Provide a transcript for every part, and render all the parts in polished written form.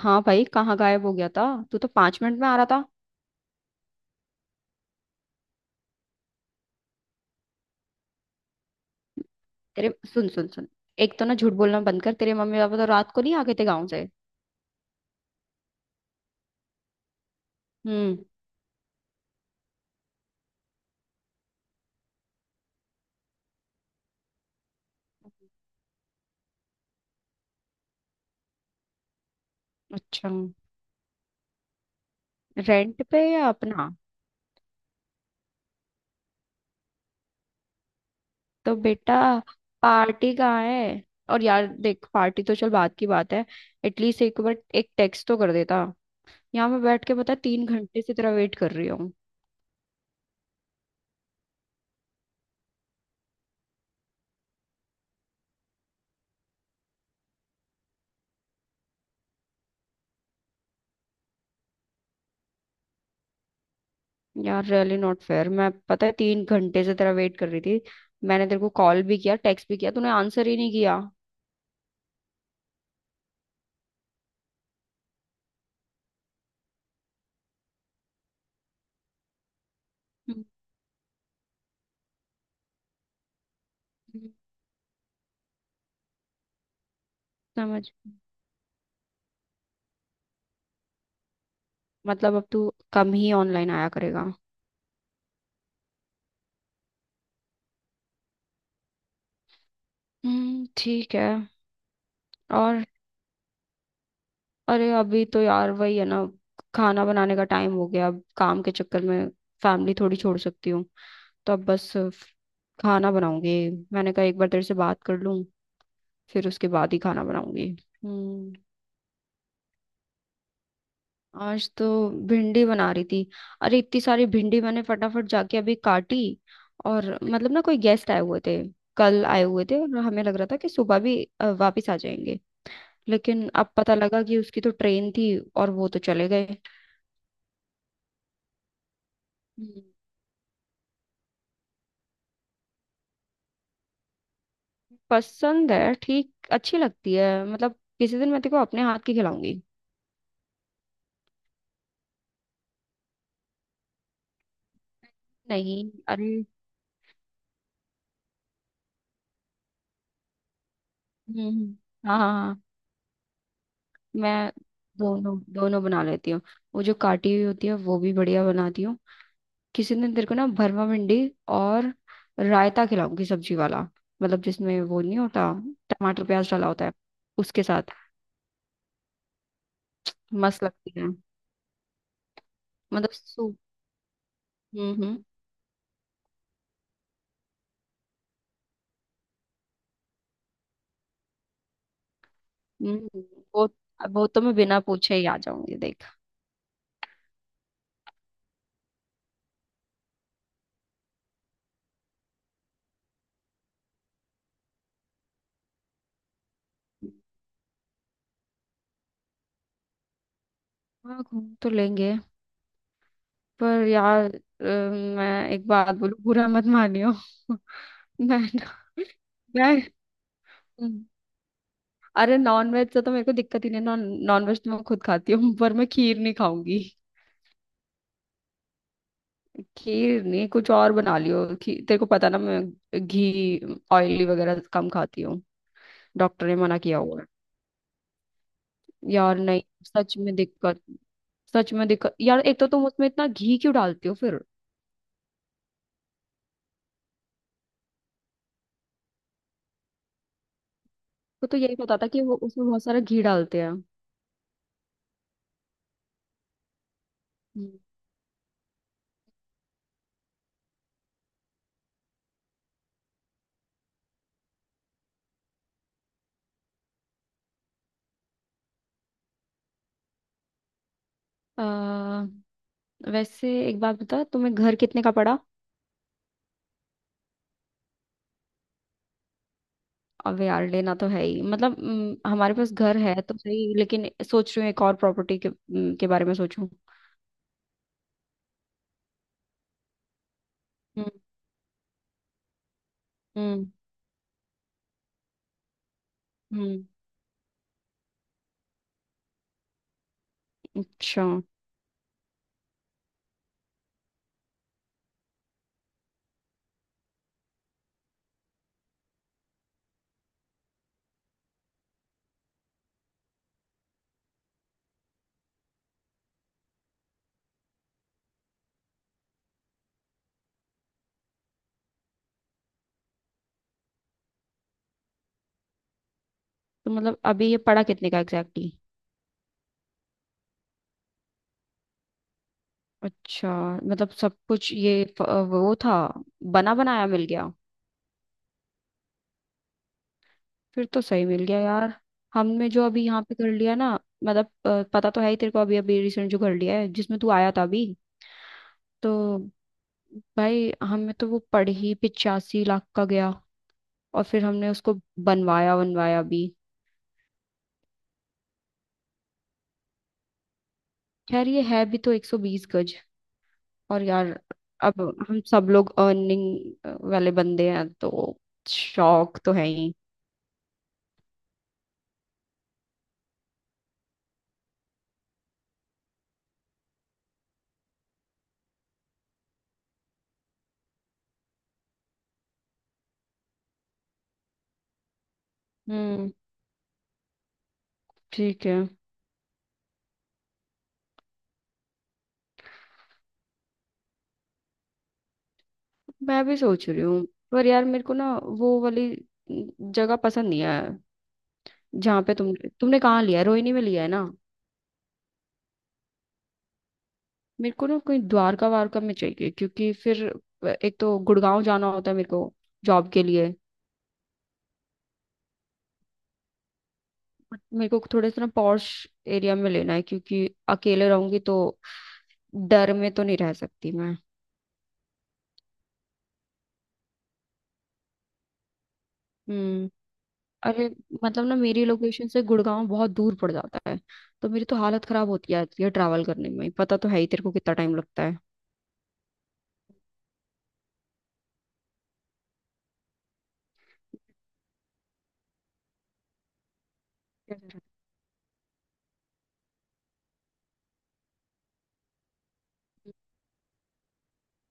हाँ भाई, कहाँ गायब हो गया था? तू तो 5 मिनट में आ रहा था। तेरे सुन सुन सुन, एक तो ना झूठ बोलना बंद कर। तेरे मम्मी पापा तो रात को नहीं आ गए थे गाँव से। हम्म। अच्छा, रेंट पे या अपना? तो बेटा, पार्टी कहाँ है? और यार देख, पार्टी तो चल बात की बात है। एटलीस्ट एक बार एक टेक्स्ट तो कर देता। यहाँ मैं बैठ के, पता है, 3 घंटे से तेरा वेट कर रही हूँ। यार रियली नॉट फेयर। मैं पता है 3 घंटे से तेरा वेट कर रही थी। मैंने तेरे को कॉल भी किया, टेक्स्ट भी किया, तूने आंसर ही नहीं किया। हम्म। समझ। मतलब अब तू कम ही ऑनलाइन आया करेगा। हम्म, ठीक है। और अरे अभी तो यार वही है ना, खाना बनाने का टाइम हो गया। अब काम के चक्कर में फैमिली थोड़ी छोड़ सकती हूँ। तो अब बस खाना बनाऊंगी। मैंने कहा एक बार तेरे से बात कर लूं, फिर उसके बाद ही खाना बनाऊंगी। हम्म। आज तो भिंडी बना रही थी। अरे इतनी सारी भिंडी मैंने फटाफट जाके अभी काटी। और मतलब ना कोई गेस्ट आए हुए थे। कल आए हुए थे और हमें लग रहा था कि सुबह भी वापिस आ जाएंगे। लेकिन अब पता लगा कि उसकी तो ट्रेन थी और वो तो चले गए। हम्म, पसंद है, ठीक अच्छी लगती है। मतलब किसी दिन मैं तेको अपने हाथ की खिलाऊंगी। नहीं अरे। हम्म हम्म, हाँ हाँ हाँ, मैं दोनों दोनों बना लेती हूँ। वो जो काटी हुई होती है वो भी बढ़िया बनाती हूँ। किसी दिन तेरे को ना भरमा भिंडी और रायता खिलाऊंगी, सब्जी वाला, मतलब जिसमें वो नहीं होता, टमाटर प्याज डाला होता है उसके साथ, मस्त लगती है। मतलब सूप। हम्म हम्म हम्म, वो वो तो मैं बिना पूछे ही आ जाऊंगी देख। हाँ घूम तो लेंगे। पर यार मैं एक बात बोलूं, बुरा मत मानियो। मैं ना- मैं, अरे नॉन वेज से तो मेरे को दिक्कत ही नहीं। नॉन नॉन वेज तो मैं खुद खाती हूँ, पर मैं खीर नहीं खाऊंगी। खीर नहीं, कुछ और बना लियो। खीर, तेरे को पता ना, मैं घी ऑयली वगैरह कम खाती हूँ। डॉक्टर ने मना किया हुआ है। यार नहीं, सच में दिक्कत। सच में दिक्कत यार। एक तो तुम उसमें इतना घी क्यों डालती हो फिर। तो यही पता था कि वो उसमें बहुत सारा घी डालते हैं। हम्म। अ, वैसे एक बात बता, तुम्हें घर कितने का पड़ा? अब यार लेना तो है ही, मतलब हमारे पास घर है तो सही, लेकिन सोच रही हूँ एक और प्रॉपर्टी के बारे में सोचूं। हम्म हम्म हम्म, अच्छा। तो मतलब अभी ये पड़ा कितने का एग्जैक्टली? अच्छा, मतलब सब कुछ ये वो था, बना बनाया मिल गया? फिर तो सही मिल गया यार। हमने जो अभी यहाँ पे कर लिया ना, मतलब पता तो है ही तेरे को, अभी अभी रिसेंट जो कर लिया है जिसमें तू आया था अभी, तो भाई हमें तो वो पड़ ही 85 लाख का गया। और फिर हमने उसको बनवाया, बनवाया भी। खैर ये है भी तो 120 गज। और यार, अब हम सब लोग अर्निंग वाले बंदे हैं तो शौक तो है ही। हम्म ठीक है। मैं भी सोच रही हूँ। पर यार मेरे को ना वो वाली जगह पसंद नहीं है, जहाँ पे तुमने कहाँ लिया है, रोहिणी में लिया है ना। मेरे को ना कहीं द्वारका वारका में चाहिए, क्योंकि फिर एक तो गुड़गांव जाना होता है मेरे को जॉब के लिए। बट मेरे को थोड़े से ना पॉश एरिया में लेना है, क्योंकि अकेले रहूंगी तो डर में तो नहीं रह सकती मैं। हम्म। अरे, मतलब ना मेरी लोकेशन से गुड़गांव बहुत दूर पड़ जाता है। तो मेरी तो हालत खराब होती जाती है ट्रैवल करने में, पता तो है ही तेरे को कितना टाइम लगता है। कैसे?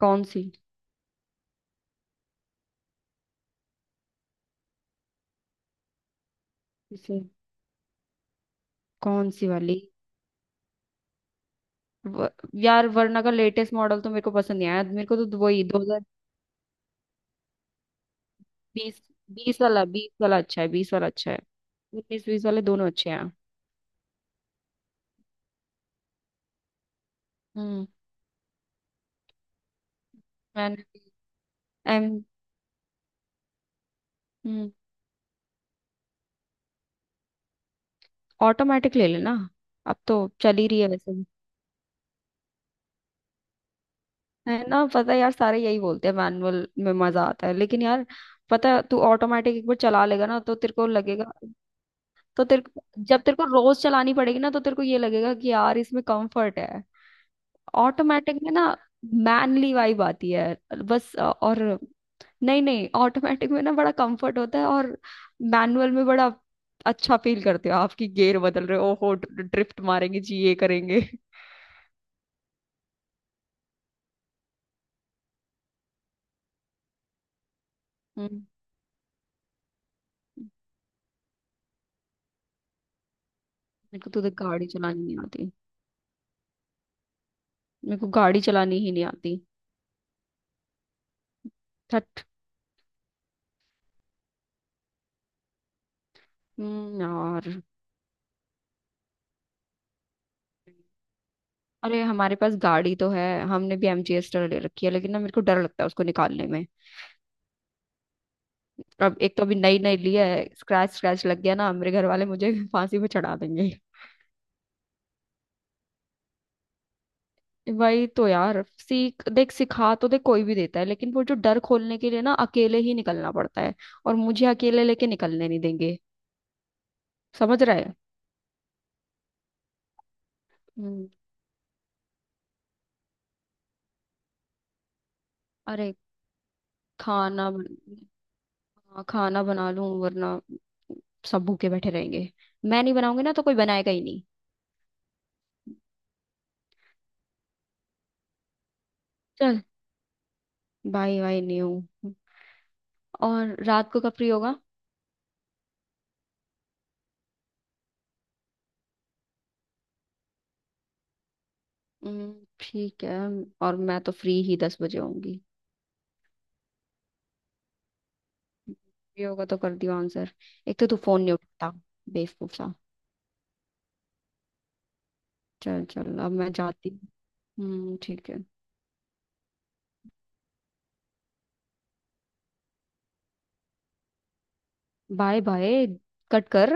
कौन सी? किसे? कौन सी वाली? व, यार वरना का लेटेस्ट मॉडल तो मेरे को पसंद नहीं आया। मेरे को तो वही 2020, बीस वाला, बीस वाला अच्छा है, बीस वाला अच्छा है। उन्नीस बीस वाले दोनों अच्छे हैं। हम्म। मैंने एम। हम्म। ऑटोमेटिक ले लेना, अब तो चल ही रही है वैसे। है ना, पता है यार, सारे यही बोलते हैं मैनुअल में मजा आता है, लेकिन यार पता है, तू ऑटोमेटिक एक बार चला लेगा ना तो तेरे को लगेगा। तो तेरे को, जब तेरे को रोज चलानी पड़ेगी ना, तो तेरे को ये लगेगा कि यार इसमें कंफर्ट है। ऑटोमेटिक में ना मैनली वाइब आती है। बस और नहीं नहीं, ऑटोमेटिक में ना बड़ा कंफर्ट होता है। और मैनुअल में बड़ा अच्छा फील करते हो, आपकी गियर बदल रहे हो, ओहो ड्रिफ्ट मारेंगे जी, ये करेंगे। हम्म। मेरे को तो देख गाड़ी चलानी नहीं आती। मेरे को गाड़ी चलानी ही नहीं आती। थट। यार। अरे हमारे पास गाड़ी तो है, हमने भी एमजीएस ले रखी है, लेकिन ना मेरे को डर लगता है उसको निकालने में। अब एक तो अभी नई नई ली है। स्क्रैच स्क्रैच लग गया ना मेरे घर वाले मुझे फांसी पे चढ़ा देंगे। वही तो यार, सीख देख, सिखा तो देख कोई भी देता है, लेकिन वो जो डर खोलने के लिए ना अकेले ही निकलना पड़ता है। और मुझे अकेले लेके निकलने नहीं देंगे। समझ रहा है। हम्म, अरे खाना बन- हाँ, खाना बना लूं वरना सब भूखे बैठे रहेंगे। मैं नहीं बनाऊंगी ना तो कोई बनाएगा ही नहीं। चल, बाय बाय नहीं हूँ। और रात को कब फ्री होगा? ठीक है। और मैं तो फ्री ही 10 बजे होंगी। फ्री होगा तो कर दियो आंसर। एक तो तू फोन नहीं उठाता, बेवकूफ सा। चल चल, अब मैं जाती हूँ। ठीक है। Bye bye. कट कर।